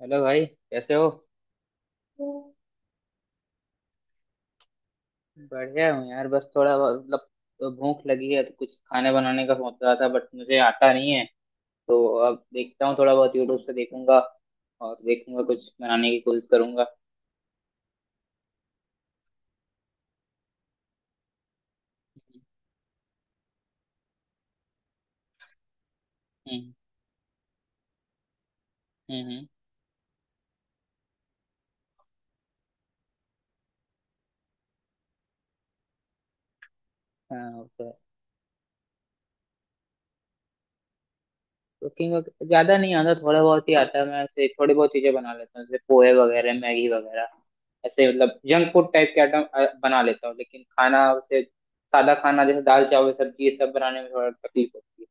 Hello भाई, कैसे हो? हूँ। बढ़िया हूँ यार। बस थोड़ा भूख लगी है तो कुछ खाने बनाने का सोच रहा था, बट मुझे आता नहीं है। तो अब देखता हूँ, थोड़ा बहुत यूट्यूब से देखूंगा और देखूंगा, कुछ बनाने की कोशिश करूंगा। हम्म। हम्म हम्म, हाँ, ओके। कुकिंग ज्यादा नहीं आता, थोड़ा बहुत ही आता है। मैं ऐसे थोड़ी बहुत चीजें बना लेता हूँ, जैसे पोहे वगैरह, मैगी वगैरह। ऐसे मतलब जंक फूड टाइप के आइटम बना लेता हूँ, लेकिन खाना उसे सादा खाना जैसे दाल चावल सब्जी, ये सब बनाने में थोड़ा तकलीफ होती है।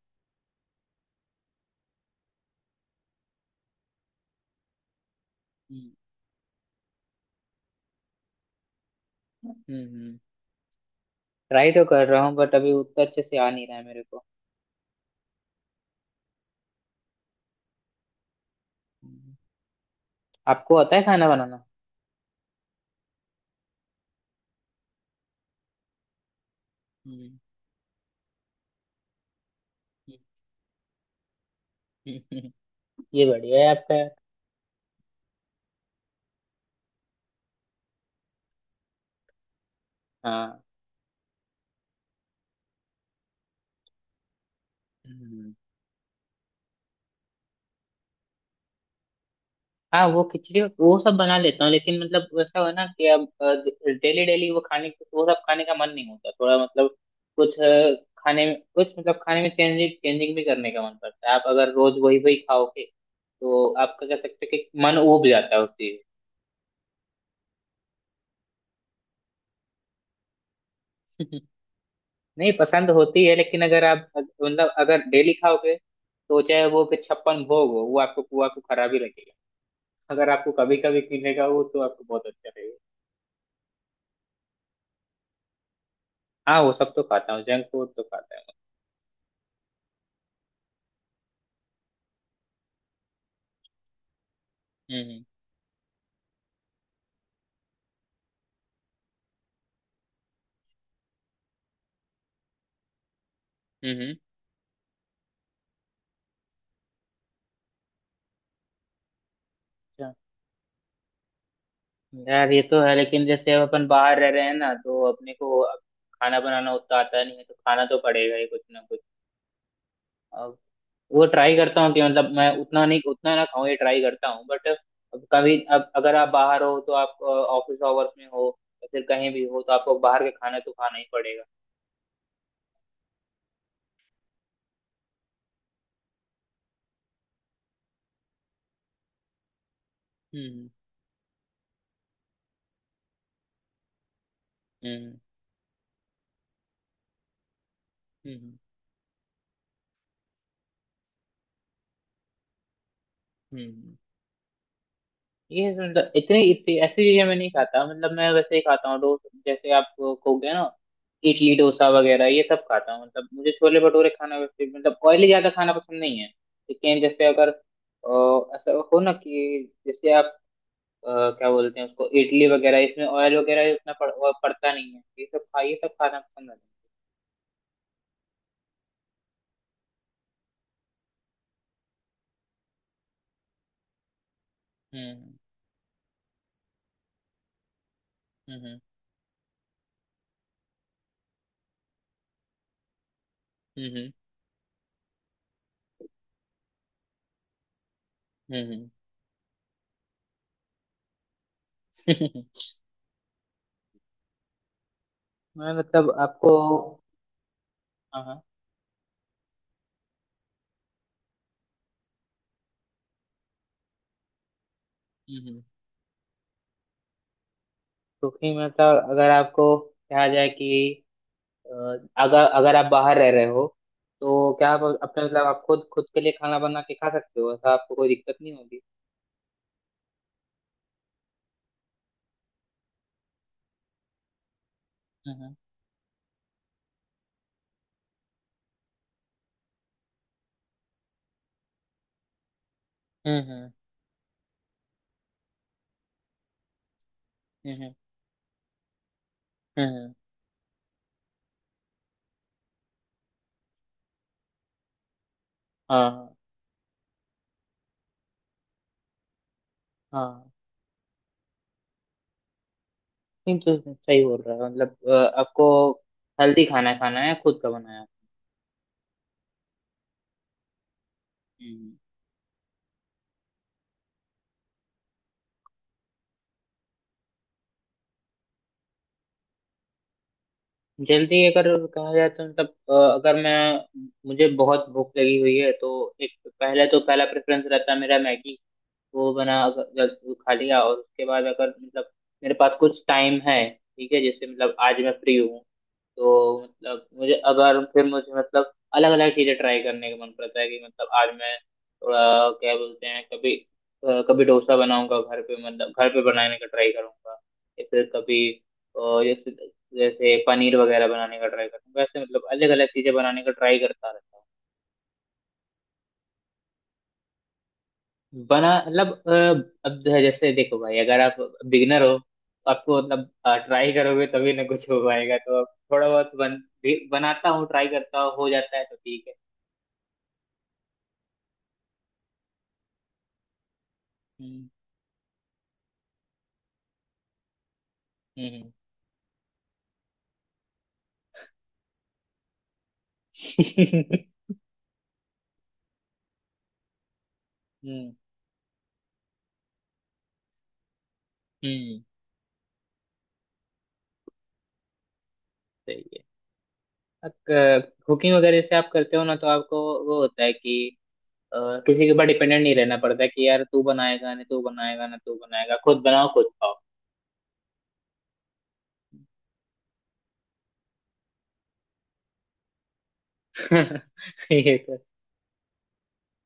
हम्म। हम्म ट्राई तो कर रहा हूँ, बट अभी उतना अच्छे से आ नहीं रहा है मेरे को। हम्म, आपको आता है खाना बनाना? हम्म, हम्म, ये बढ़िया है आपका यार। हाँ। हम्म, हाँ वो खिचड़ी वो सब बना लेता हूँ, लेकिन मतलब वैसा हो ना कि अब डेली डेली वो खाने, वो सब खाने का मन नहीं होता। थोड़ा मतलब कुछ खाने में कुछ मतलब खाने में चेंजिंग चेंजिंग भी करने का मन करता है। आप अगर रोज वही वही खाओगे तो आपका कह सकते हो कि मन उब जाता है उस चीज। नहीं, पसंद होती है, लेकिन अगर आप मतलब अगर डेली खाओगे तो चाहे वो कि छप्पन भोग हो, वो आपको खराब ही लगेगा। अगर आपको कभी कभी मिलेगा वो तो आपको बहुत अच्छा लगेगा। हाँ, वो सब तो खाता हूँ, जंक फूड तो खाता हूँ। हम्म। हम्म हम्म। अच्छा, यार ये तो है, लेकिन जैसे अब अपन बाहर रह रहे हैं ना तो अपने को अब खाना बनाना उतना आता नहीं है, तो खाना तो पड़ेगा ही कुछ ना कुछ। वो ट्राई करता हूँ कि मतलब मैं उतना नहीं उतना ना खाऊं, ये ट्राई करता हूँ, बट कभी अब अगर आप बाहर हो तो आप ऑफिस आवर्स में हो या फिर कहीं भी हो, तो आपको बाहर का खाना तो खाना ही पड़ेगा। हम्म। हम्म हम्म हम्म ये मतलब इतनी इतनी ऐसी चीजें मैं नहीं खाता। मतलब मैं वैसे ही खाता हूँ, डोसा जैसे आप, हो गया ना, इडली डोसा वगैरह ये सब खाता हूँ। मतलब मुझे छोले भटूरे खाना, वैसे मतलब ऑयली ज्यादा खाना पसंद नहीं है। लेकिन जैसे अगर ऐसा हो ना कि जैसे आप क्या बोलते हैं उसको, इडली वगैरह, इसमें ऑयल वगैरह उतना वो पड़ता नहीं है, ये सब खा ये सब खाना पसंद आता है। हम्म हम्म हम्म हम्म मैं मतलब आपको, हाँ हाँ। हम्म, क्योंकि मतलब अगर आपको कहा जाए कि अ, अगर अगर आप बाहर रह रहे हो तो क्या आप अपने मतलब आप खुद खुद के लिए खाना बना के खा सकते हो? ऐसा आपको कोई दिक्कत नहीं होगी? हम्म हम्म हम्म हम्म हम्म, हम्म, हाँ हाँ। नहीं तो सही बोल रहा है, मतलब आपको हेल्दी खाना खाना है, खुद का बनाया। हम्म। जल्दी अगर कहा जाए तो मतलब अगर मैं, मुझे बहुत भूख लगी हुई है तो एक पहले तो पहला प्रेफरेंस रहता है मेरा मैगी। वो बना अगर खा लिया, और उसके बाद अगर मतलब मेरे पास कुछ टाइम है, ठीक है, जैसे मतलब आज मैं फ्री हूँ, तो मतलब मुझे अगर फिर मुझे मतलब अलग अलग चीजें ट्राई करने का मन करता है कि मतलब आज मैं थोड़ा, क्या बोलते हैं, कभी कभी डोसा बनाऊंगा घर पे, मतलब घर पे बनाने का ट्राई करूंगा, या फिर कभी अ, जैसे जैसे पनीर वगैरह बनाने का ट्राई करूंगा। ऐसे मतलब अलग अलग चीजें बनाने का ट्राई करता रहता हूँ। बना मतलब अब जो है, जैसे देखो भाई, अगर आप बिगिनर हो तो आपको मतलब ट्राई करोगे तभी ना कुछ हो पाएगा। तो अब थोड़ा बहुत बनाता हूँ, ट्राई करता हूँ, हो जाता है तो ठीक है। हम्म हम्म हम्म हम्म, हम्म, सही है। कुकिंग वगैरह से आप करते हो ना तो आपको वो होता है कि अ, किसी के ऊपर डिपेंडेंट नहीं रहना पड़ता है कि यार तू बनाएगा ना तू बनाएगा ना तू बनाएगा, खुद बनाओ खुद खाओ। ये तो,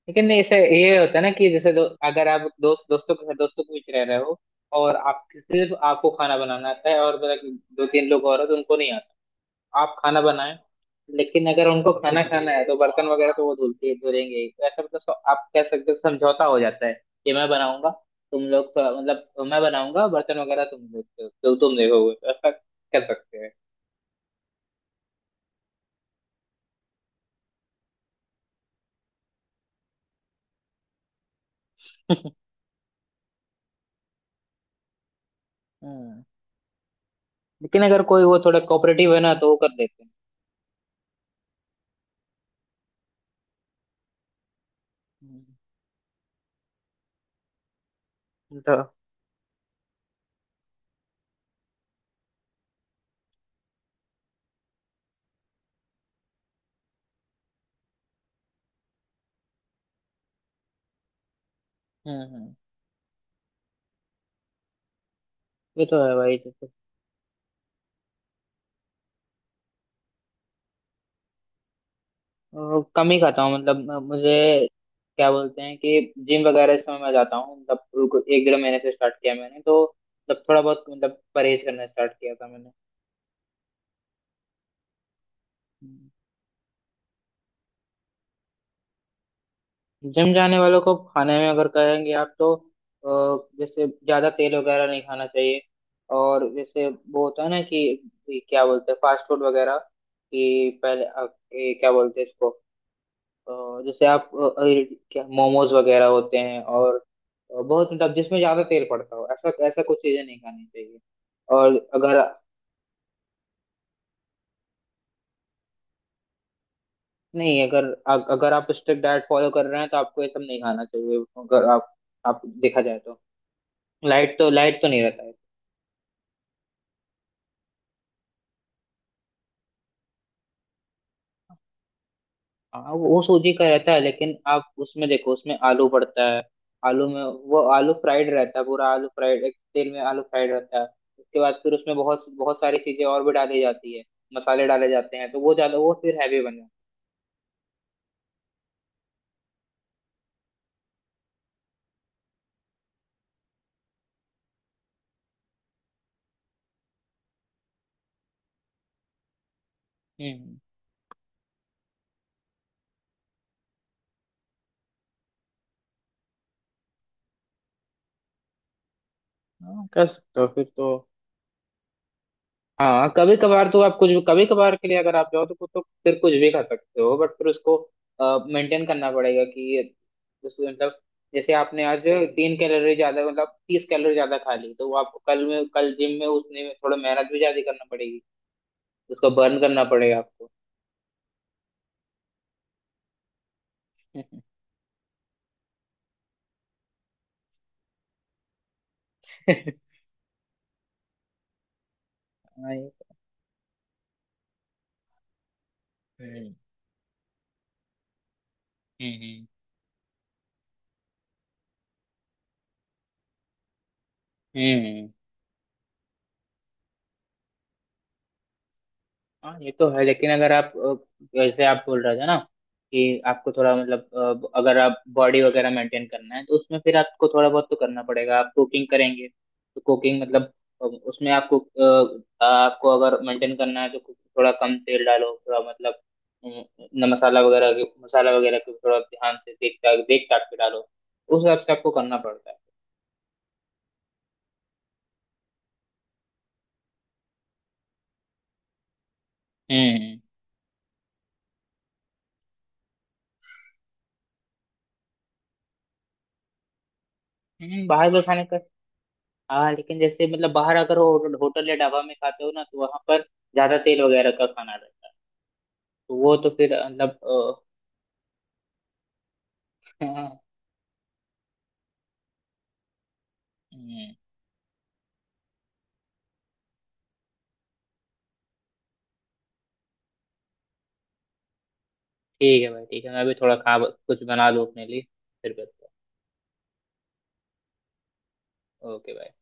लेकिन ऐसे ये होता है ना कि जैसे अगर आप दोस्तों के साथ, दोस्तों के बीच रह रहे हो, और आप सिर्फ, आपको खाना बनाना आता है और मतलब दो तीन लोग और हैं तो उनको नहीं आता, आप खाना बनाएं, लेकिन अगर उनको खाना खाना है तो बर्तन वगैरह तो वो धुलते ही धुलेंगे ही। तो ऐसा मतलब आप कह सकते हो समझौता हो जाता है कि मैं बनाऊंगा, तुम लोग मतलब मैं बनाऊंगा, बर्तन वगैरह तुम देखते हो, तो तुम देखोगे, तो ऐसा कर सकते हैं। हम्म, लेकिन अगर कोई वो थोड़ा कोऑपरेटिव है ना तो वो कर देते हैं। हम्म, तो हम्म हम्म ये तो है भाई। अ, कम ही खाता हूँ। मतलब मुझे क्या बोलते हैं कि जिम वगैरह इस समय मैं जाता हूँ, मतलब एक डेढ़ महीने से स्टार्ट किया मैंने, तो मतलब थोड़ा बहुत मतलब परहेज करना स्टार्ट किया था मैंने। जिम जाने वालों को खाने में अगर कहेंगे आप तो जैसे ज्यादा तेल वगैरह नहीं खाना चाहिए, और जैसे वो होता है ना कि क्या बोलते हैं, फास्ट फूड वगैरह, कि पहले आप, ये क्या बोलते हैं इसको, जैसे आप क्या, मोमोज वगैरह होते हैं, और बहुत मतलब जिसमें ज्यादा तेल पड़ता हो, ऐसा ऐसा कुछ चीजें नहीं खानी चाहिए। और अगर, नहीं, अगर अगर आप स्ट्रिक्ट डाइट फॉलो कर रहे हैं तो आपको ये सब नहीं खाना चाहिए। अगर आप आप देखा जाए तो लाइट तो, लाइट तो नहीं रहता है। हाँ, वो सूजी का रहता है, लेकिन आप उसमें देखो उसमें आलू पड़ता है। आलू में वो आलू फ्राइड रहता है, पूरा आलू फ्राइड, एक तेल में आलू फ्राइड रहता है। उसके बाद फिर उसमें बहुत बहुत सारी चीजें और भी डाली जाती है, मसाले डाले जाते हैं, तो वो ज्यादा वो फिर हैवी बन जाता है। हम्म। हाँ, कह सकते हो फिर तो। हाँ, कभी कभार तो आप कुछ भी, कभी कभार के लिए अगर आप जाओ तो फिर कुछ भी खा सकते हो, बट फिर उसको मेंटेन करना पड़ेगा कि ये जैसे मतलब जैसे आपने आज तीन कैलोरी ज्यादा मतलब तीस कैलोरी ज्यादा खा ली, तो वो आपको कल जिम में उसने में थोड़ा मेहनत भी ज्यादा करना पड़ेगी, उसको बर्न करना पड़ेगा आपको। हाँ ये तो है। हम्म हम्म हम्म हाँ ये तो है, लेकिन अगर आप जैसे आप बोल रहे थे ना कि आपको थोड़ा मतलब अगर आप बॉडी वगैरह मेंटेन करना है तो उसमें फिर आपको थोड़ा बहुत तो करना पड़ेगा। आप कुकिंग करेंगे तो कुकिंग मतलब उसमें आपको आपको अगर मेंटेन करना है तो कुछ थोड़ा कम तेल डालो, थोड़ा मतलब अ, न मसाला मसाला वगैरह को थोड़ा ध्यान से देख देख ताक के डालो। उस हिसाब से आपको करना पड़ता है। हम्म बाहर के खाने का, हाँ लेकिन जैसे मतलब बाहर अगर होटल या ढाबा में खाते हो ना तो वहां पर ज्यादा तेल वगैरह का खाना रहता है, तो वो तो फिर मतलब अ, हम्म, ठीक है भाई, ठीक है, मैं भी थोड़ा खा कुछ बना लूँ अपने लिए, फिर बताता हूँ। ओके भाई।